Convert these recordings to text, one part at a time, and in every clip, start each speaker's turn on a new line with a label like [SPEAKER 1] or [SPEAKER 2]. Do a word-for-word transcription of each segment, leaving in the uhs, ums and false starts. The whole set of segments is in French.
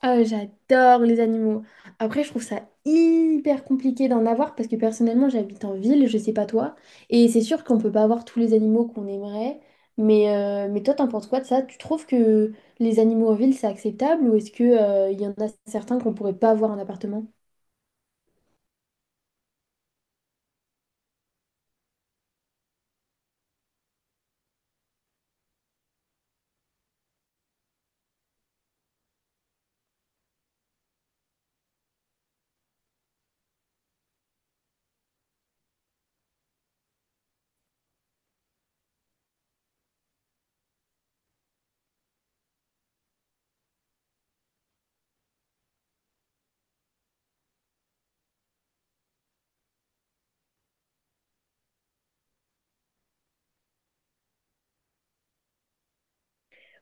[SPEAKER 1] Ah, j'adore les animaux. Après, je trouve ça hyper compliqué d'en avoir parce que personnellement, j'habite en ville, je sais pas toi. Et c'est sûr qu'on peut pas avoir tous les animaux qu'on aimerait. Mais, euh, mais toi, t'en penses quoi de ça? Tu trouves que les animaux en ville, c'est acceptable ou est-ce que, euh, il y en a certains qu'on pourrait pas avoir en appartement?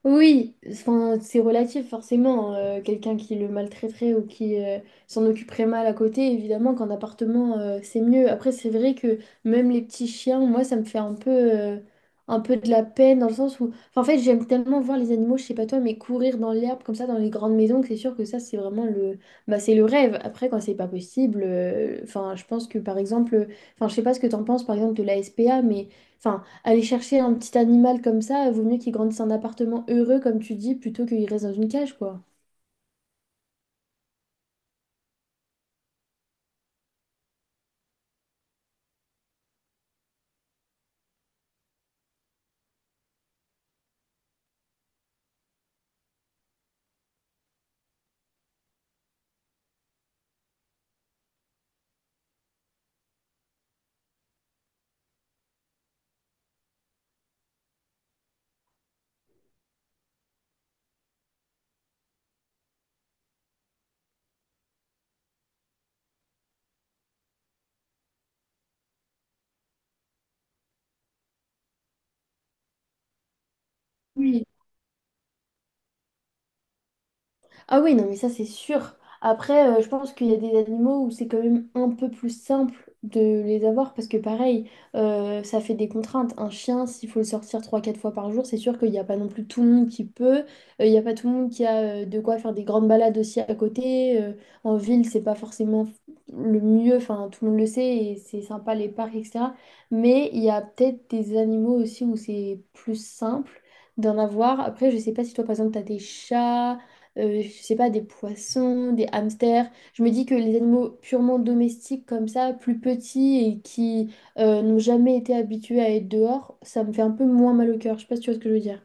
[SPEAKER 1] Oui, enfin, c'est relatif forcément. Euh, quelqu'un qui le maltraiterait ou qui euh, s'en occuperait mal à côté, évidemment qu'en appartement, euh, c'est mieux. Après, c'est vrai que même les petits chiens, moi, ça me fait un peu, euh, un peu de la peine dans le sens où, enfin, en fait, j'aime tellement voir les animaux, je sais pas toi, mais courir dans l'herbe comme ça dans les grandes maisons, que c'est sûr que ça, c'est vraiment le, bah, c'est le rêve. Après, quand c'est pas possible, euh, enfin, je pense que par exemple, enfin, je sais pas ce que t'en penses par exemple de la S P A, mais enfin. Aller chercher un petit animal comme ça, vaut mieux qu'il grandisse en appartement heureux, comme tu dis, plutôt qu'il reste dans une cage, quoi. Oui. Ah oui, non, mais ça c'est sûr. Après, euh, je pense qu'il y a des animaux où c'est quand même un peu plus simple de les avoir parce que pareil, euh, ça fait des contraintes. Un chien, s'il faut le sortir trois quatre fois par jour, c'est sûr qu'il n'y a pas non plus tout le monde qui peut. Euh, Il n'y a pas tout le monde qui a euh, de quoi faire des grandes balades aussi à côté. Euh, en ville, c'est pas forcément le mieux, enfin tout le monde le sait et c'est sympa les parcs, et cetera. Mais il y a peut-être des animaux aussi où c'est plus simple d'en avoir. Après, je sais pas si toi par exemple tu as des chats euh, je sais pas, des poissons, des hamsters. Je me dis que les animaux purement domestiques comme ça, plus petits et qui euh, n'ont jamais été habitués à être dehors, ça me fait un peu moins mal au cœur. Je sais pas si tu vois ce que je veux dire.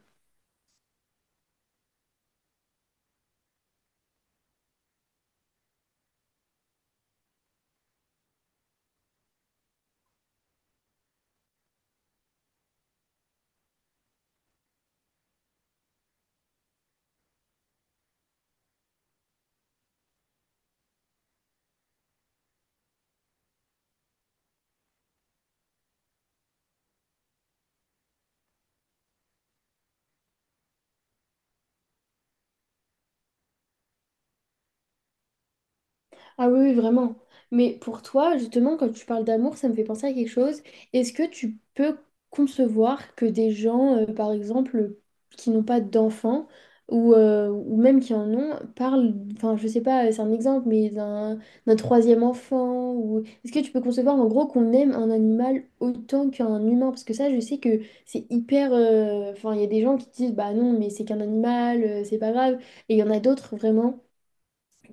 [SPEAKER 1] Ah oui, oui, vraiment. Mais pour toi, justement, quand tu parles d'amour, ça me fait penser à quelque chose. Est-ce que tu peux concevoir que des gens, euh, par exemple, qui n'ont pas d'enfants ou, euh, ou même qui en ont, parlent, enfin, je sais pas, c'est un exemple, mais d'un d'un troisième enfant ou. Est-ce que tu peux concevoir, en gros, qu'on aime un animal autant qu'un humain? Parce que ça, je sais que c'est hyper. euh, Enfin, il y a des gens qui disent, bah non, mais c'est qu'un animal, euh, c'est pas grave. Et il y en a d'autres, vraiment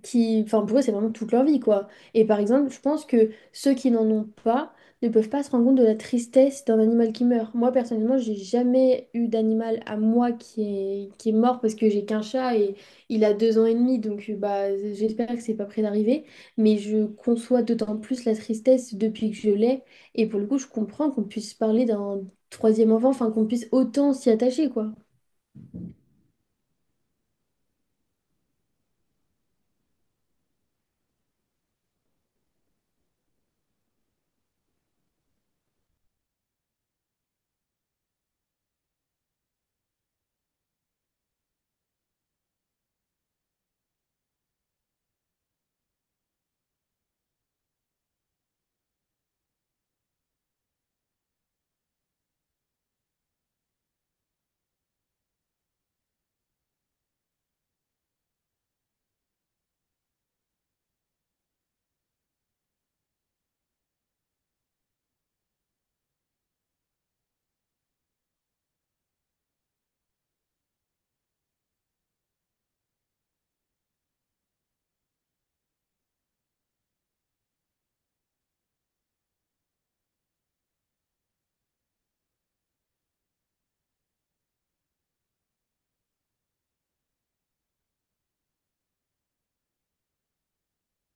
[SPEAKER 1] qui, enfin pour eux, c'est vraiment toute leur vie, quoi. Et par exemple, je pense que ceux qui n'en ont pas ne peuvent pas se rendre compte de la tristesse d'un animal qui meurt. Moi, personnellement, j'ai jamais eu d'animal à moi qui est, qui est mort parce que j'ai qu'un chat et il a deux ans et demi, donc euh, bah, j'espère que c'est pas près d'arriver. Mais je conçois d'autant plus la tristesse depuis que je l'ai. Et pour le coup, je comprends qu'on puisse parler d'un troisième enfant, enfin qu'on puisse autant s'y attacher, quoi.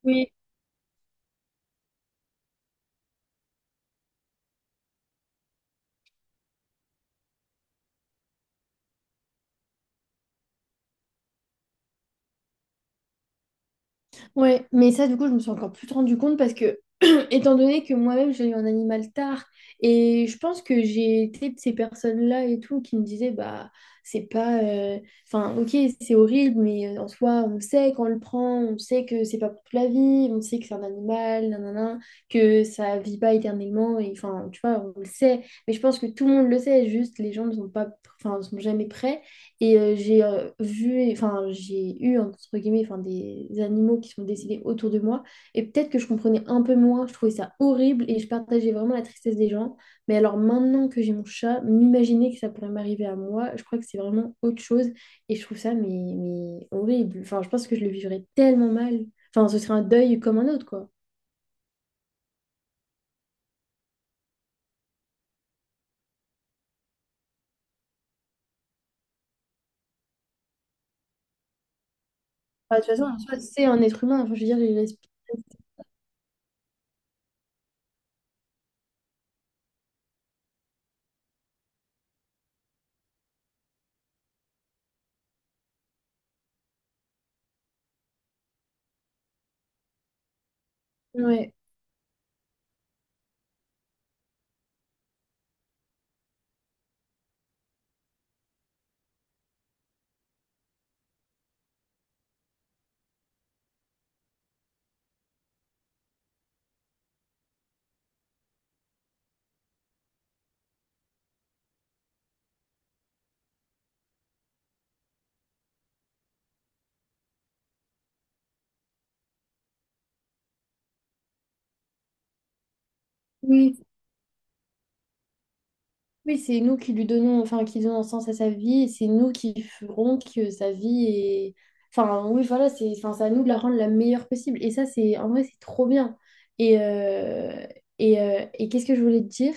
[SPEAKER 1] Oui. Ouais, mais ça, du coup, je me suis encore plus rendu compte parce que, étant donné que moi-même, j'ai eu un animal tard, et je pense que j'ai été de ces personnes-là et tout qui me disaient, bah, c'est pas. euh, Enfin, ok, c'est horrible, mais euh, en soi, on sait qu'on le prend, on sait que c'est pas pour toute la vie, on sait que c'est un animal, nanana, que ça vit pas éternellement, et enfin, tu vois, on le sait. Mais je pense que tout le monde le sait, juste les gens ne sont pas. Enfin, ne sont jamais prêts. Et euh, j'ai euh, vu, et- enfin, j'ai eu, entre guillemets, enfin, des animaux qui sont décédés autour de moi. Et peut-être que je comprenais un peu moins, je trouvais ça horrible et je partageais vraiment la tristesse des gens. Mais alors maintenant que j'ai mon chat, m'imaginer que ça pourrait m'arriver à moi, je crois que c'est vraiment autre chose. Et je trouve ça, mais, mais horrible. Enfin, je pense que je le vivrais tellement mal. Enfin, ce serait un deuil comme un autre, quoi. Enfin, de toute façon, en soi, c'est un être humain. Enfin, je veux dire, il respire. Ouais. Oui. Oui, c'est nous qui lui donnons, enfin, qui donnons sens à sa vie, et c'est nous qui ferons que sa vie est. Enfin, oui, voilà, c'est, enfin, c'est à nous de la rendre la meilleure possible. Et ça, c'est, en vrai, c'est trop bien. Et, euh, et, euh, et qu'est-ce que je voulais te dire?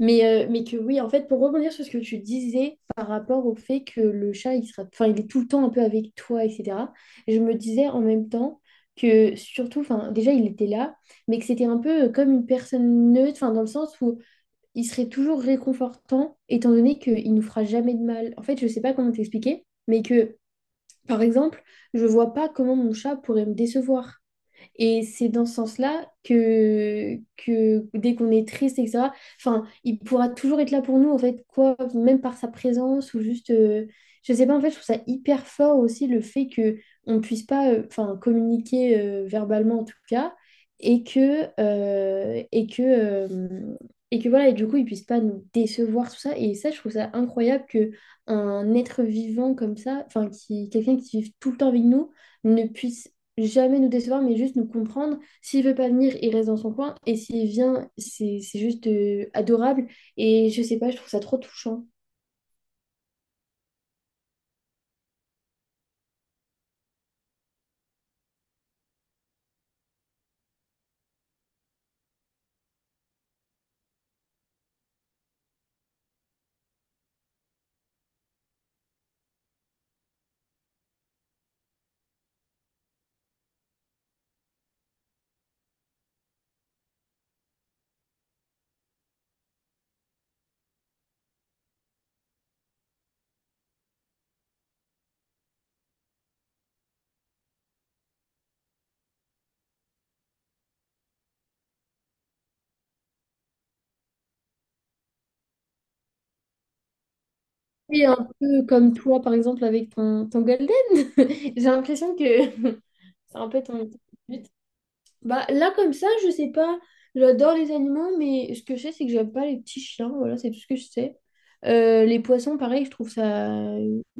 [SPEAKER 1] Mais, euh, mais que oui, en fait, pour rebondir sur ce que tu disais par rapport au fait que le chat, il sera, enfin, il est tout le temps un peu avec toi, et cetera. Je me disais en même temps que surtout, enfin, déjà, il était là, mais que c'était un peu comme une personne neutre, enfin, dans le sens où il serait toujours réconfortant, étant donné qu'il nous fera jamais de mal. En fait, je sais pas comment t'expliquer, mais que, par exemple, je vois pas comment mon chat pourrait me décevoir. Et c'est dans ce sens-là que, que dès qu'on est triste, et cetera, enfin, il pourra toujours être là pour nous, en fait, quoi, même par sa présence ou juste, euh, je sais pas, en fait, je trouve ça hyper fort aussi le fait que on puisse pas, euh, enfin, communiquer euh, verbalement en tout cas, et que, euh, et que, euh, et que voilà, et du coup, ils puissent pas nous décevoir, tout ça. Et ça, je trouve ça incroyable que un être vivant comme ça, enfin, qui, quelqu'un qui vive tout le temps avec nous, ne puisse jamais nous décevoir, mais juste nous comprendre. S'il veut pas venir, il reste dans son coin. Et s'il vient, c'est c'est juste euh, adorable. Et je sais pas, je trouve ça trop touchant. Et un peu comme toi, par exemple, avec ton, ton Golden. J'ai l'impression que c'est un peu ton but. Bah, là, comme ça, je sais pas. J'adore les animaux, mais ce que je sais, c'est que j'aime pas les petits chiens. Voilà, c'est tout ce que je sais. Euh, les poissons, pareil, je trouve ça.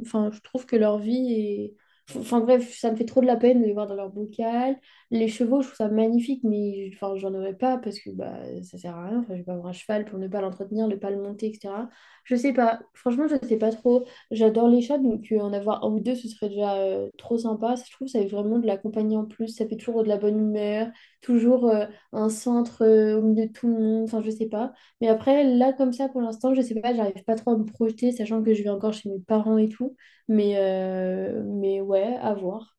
[SPEAKER 1] Enfin, je trouve que leur vie est. Enfin, bref, ça me fait trop de la peine de les voir dans leur bocal. Les chevaux, je trouve ça magnifique, mais enfin, j'en aurais pas parce que bah, ça sert à rien. Enfin, je vais pas avoir un cheval pour ne pas l'entretenir, ne pas le monter, et cetera. Je sais pas. Franchement, je sais pas trop. J'adore les chats, donc euh, en avoir un ou deux, ce serait déjà euh, trop sympa. Je trouve que ça fait vraiment de la compagnie en plus. Ça fait toujours de la bonne humeur toujours euh, un centre euh, au milieu de tout le monde, enfin je sais pas. Mais après, là comme ça pour l'instant, je sais pas, j'arrive pas trop à me projeter, sachant que je vais encore chez mes parents et tout. Mais, euh, mais ouais, à voir.